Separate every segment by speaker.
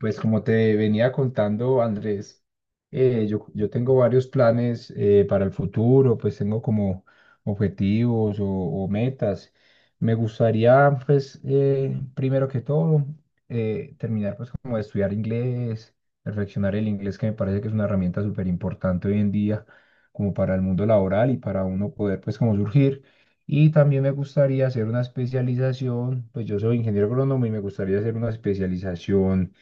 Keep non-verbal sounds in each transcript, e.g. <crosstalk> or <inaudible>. Speaker 1: Pues como te venía contando, Andrés, yo tengo varios planes para el futuro. Pues tengo como objetivos o metas. Me gustaría, pues, primero que todo, terminar pues como de estudiar inglés, perfeccionar el inglés, que me parece que es una herramienta súper importante hoy en día, como para el mundo laboral y para uno poder pues como surgir. Y también me gustaría hacer una especialización. Pues yo soy ingeniero agrónomo y me gustaría hacer una especialización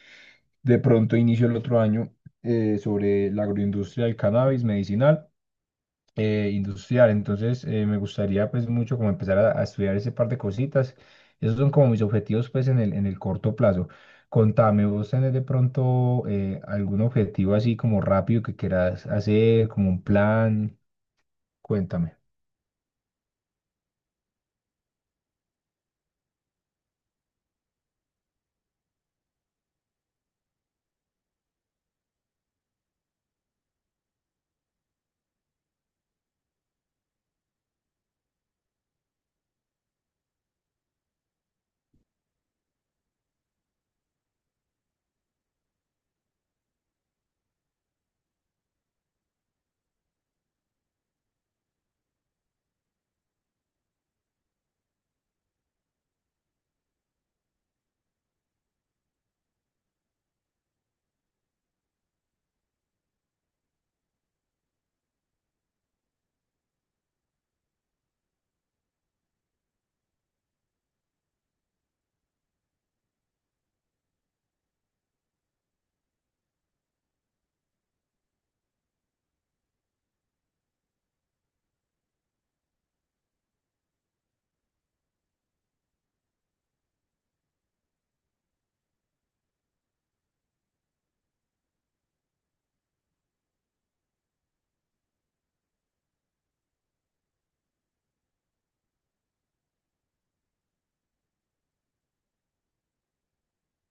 Speaker 1: de pronto inicio el otro año, sobre la agroindustria del cannabis medicinal, industrial. Entonces me gustaría pues mucho como empezar a estudiar ese par de cositas. Esos son como mis objetivos pues en el corto plazo. Contame, vos tenés de pronto algún objetivo así como rápido que quieras hacer, como un plan, cuéntame.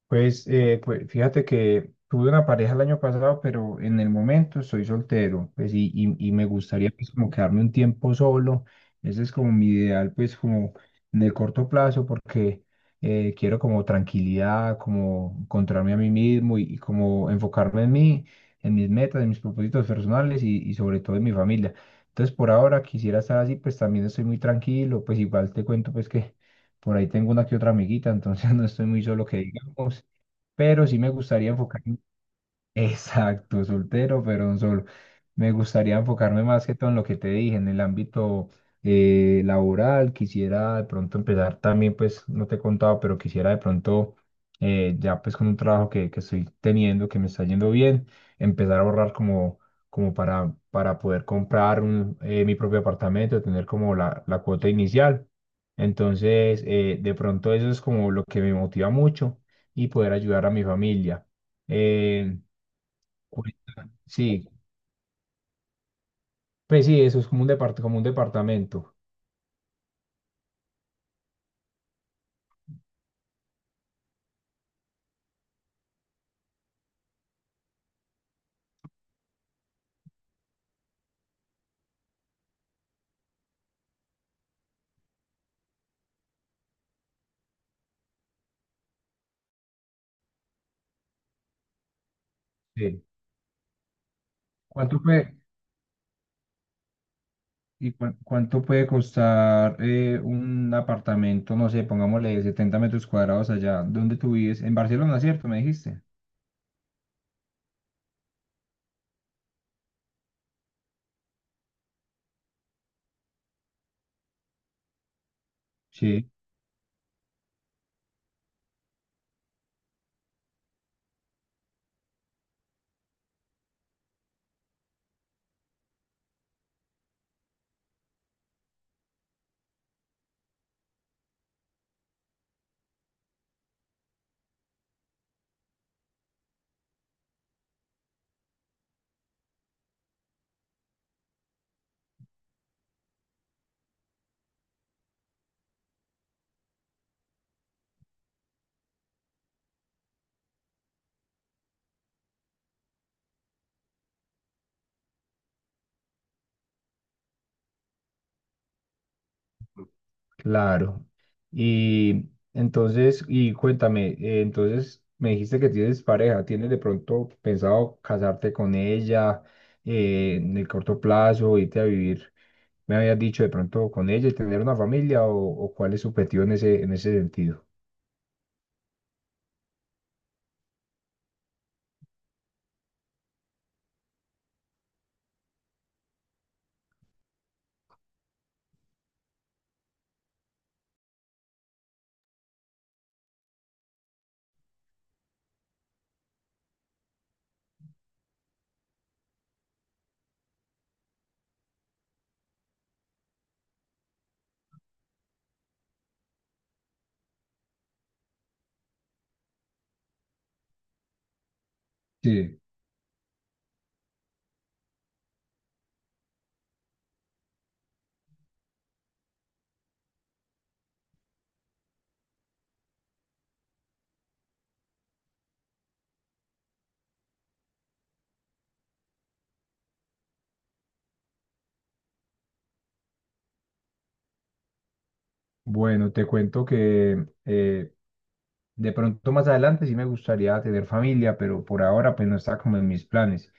Speaker 1: Pues, pues fíjate que tuve una pareja el año pasado, pero en el momento estoy soltero, pues y me gustaría pues como quedarme un tiempo solo. Ese es como mi ideal, pues como en el corto plazo, porque quiero como tranquilidad, como encontrarme a mí mismo y como enfocarme en mí, en mis metas, en mis propósitos personales y sobre todo en mi familia. Entonces, por ahora quisiera estar así. Pues también estoy muy tranquilo, pues igual te cuento pues que por ahí tengo una que otra amiguita, entonces <laughs> no estoy muy solo que diga, pero sí me gustaría enfocarme. Exacto, soltero, pero un solo. Me gustaría enfocarme más que todo en lo que te dije, en el ámbito laboral. Quisiera de pronto empezar también, pues no te he contado, pero quisiera de pronto, ya pues con un trabajo que estoy teniendo, que me está yendo bien, empezar a ahorrar como, como para poder comprar un, mi propio apartamento, tener como la cuota inicial. Entonces, de pronto eso es como lo que me motiva mucho y poder ayudar a mi familia. Eh, sí, pues sí, eso es como un, como un departamento. Sí. ¿Cuánto puede, y cuánto puede costar un apartamento, no sé, pongámosle 70 metros cuadrados allá donde tú vives? En Barcelona, ¿cierto? Me dijiste. Sí. Claro. Y entonces, y cuéntame, entonces me dijiste que tienes pareja. ¿Tienes de pronto pensado casarte con ella en el corto plazo, irte a vivir, me habías dicho de pronto con ella y tener una familia, o cuál es su objetivo en ese sentido? Bueno, te cuento que de pronto más adelante sí me gustaría tener familia, pero por ahora pues no está como en mis planes.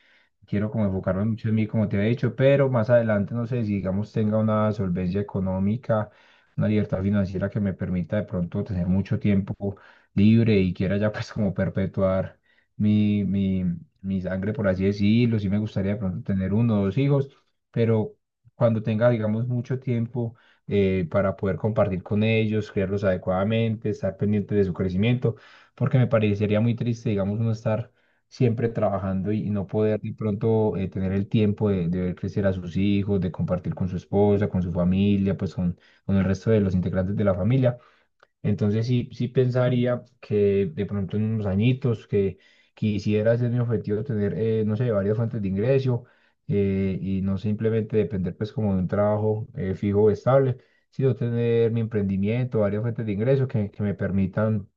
Speaker 1: Quiero como enfocarme mucho en mí, como te había dicho, pero más adelante no sé si digamos tenga una solvencia económica, una libertad financiera que me permita de pronto tener mucho tiempo libre y quiera ya <laughs> pues como perpetuar mi, mi, mi sangre, por así decirlo. Sí me gustaría de pronto tener uno o dos hijos, pero cuando tenga digamos mucho tiempo para poder compartir con ellos, criarlos adecuadamente, estar pendiente de su crecimiento, porque me parecería muy triste, digamos, uno estar siempre trabajando y no poder de pronto tener el tiempo de ver crecer a sus hijos, de compartir con su esposa, con su familia, pues con el resto de los integrantes de la familia. Entonces sí, sí pensaría que de pronto en unos añitos que quisiera ser mi objetivo tener, no sé, varias fuentes de ingreso y no simplemente depender pues como de un trabajo fijo o estable, sino tener mi emprendimiento, varias fuentes de ingreso que me permitan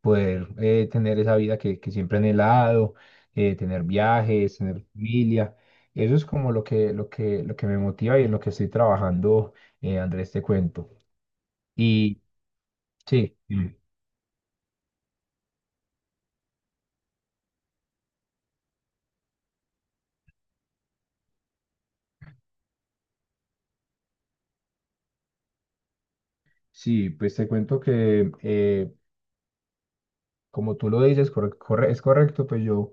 Speaker 1: poder tener esa vida que siempre he anhelado, tener viajes, tener familia. Eso es como lo que, lo que, lo que me motiva y en lo que estoy trabajando, Andrés, te cuento. Y sí. Sí, pues te cuento que como tú lo dices, es correcto, pues yo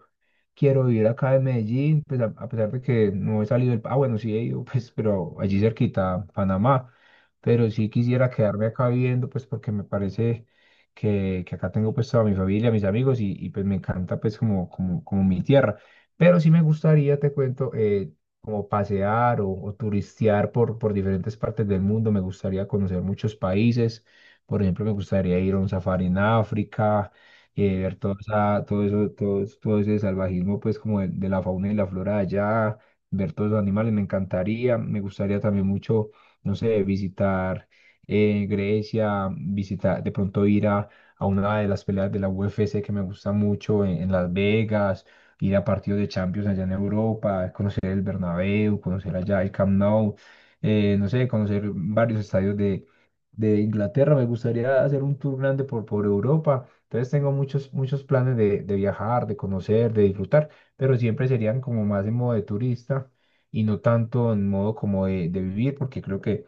Speaker 1: quiero vivir acá en Medellín, pues a pesar de que no he salido del... Ah, bueno, sí he ido, <laughs> pues, pero allí cerquita, Panamá, pero sí quisiera quedarme acá viviendo, pues porque me parece que acá tengo pues toda mi familia, mis amigos y, pues me encanta pues como, como, como mi tierra, pero sí me gustaría, te cuento, como pasear o turistear por diferentes partes del mundo. Me gustaría conocer muchos países. Por ejemplo, me gustaría ir a un safari en África, ver todo eso, todo, todo ese salvajismo, pues como de la fauna y la flora de allá, ver todos los animales, me encantaría, me gustaría también mucho, no sé, visitar Grecia, visitar, de pronto ir a una de las peleas de la UFC que me gusta mucho en Las Vegas, ir a partidos de Champions allá en Europa, conocer el Bernabéu, conocer allá el Camp Nou, no sé, conocer varios estadios de Inglaterra. Me gustaría hacer un tour grande por Europa. Entonces tengo muchos, muchos planes de viajar, de conocer, de disfrutar, pero siempre serían como más en modo de turista y no tanto en modo como de vivir, porque creo que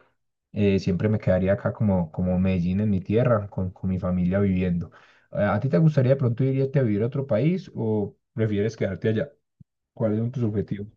Speaker 1: siempre me quedaría acá como, como Medellín en mi tierra, con mi familia viviendo. A ti te gustaría de pronto irte a vivir a otro país o prefieres quedarte allá? ¿Cuáles son tus objetivos?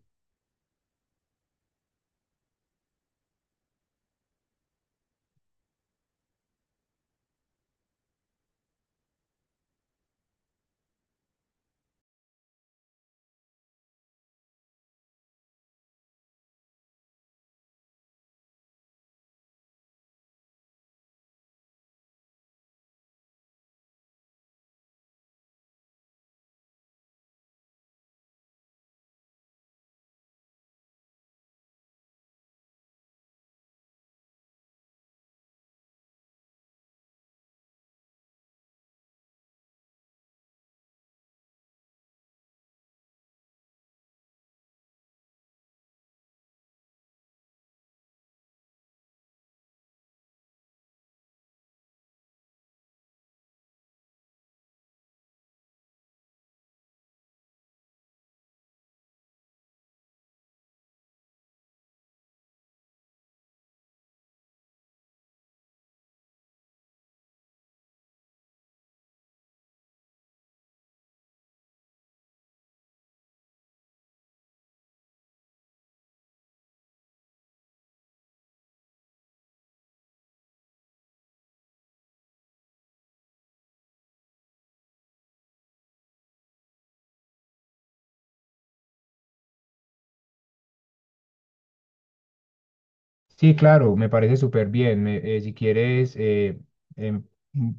Speaker 1: Sí, claro, me parece súper bien. Si quieres, em,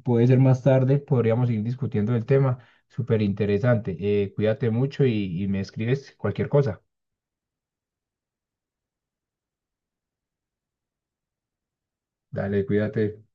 Speaker 1: puede ser más tarde, podríamos ir discutiendo el tema. Súper interesante. Cuídate mucho y me escribes cualquier cosa. Dale, cuídate.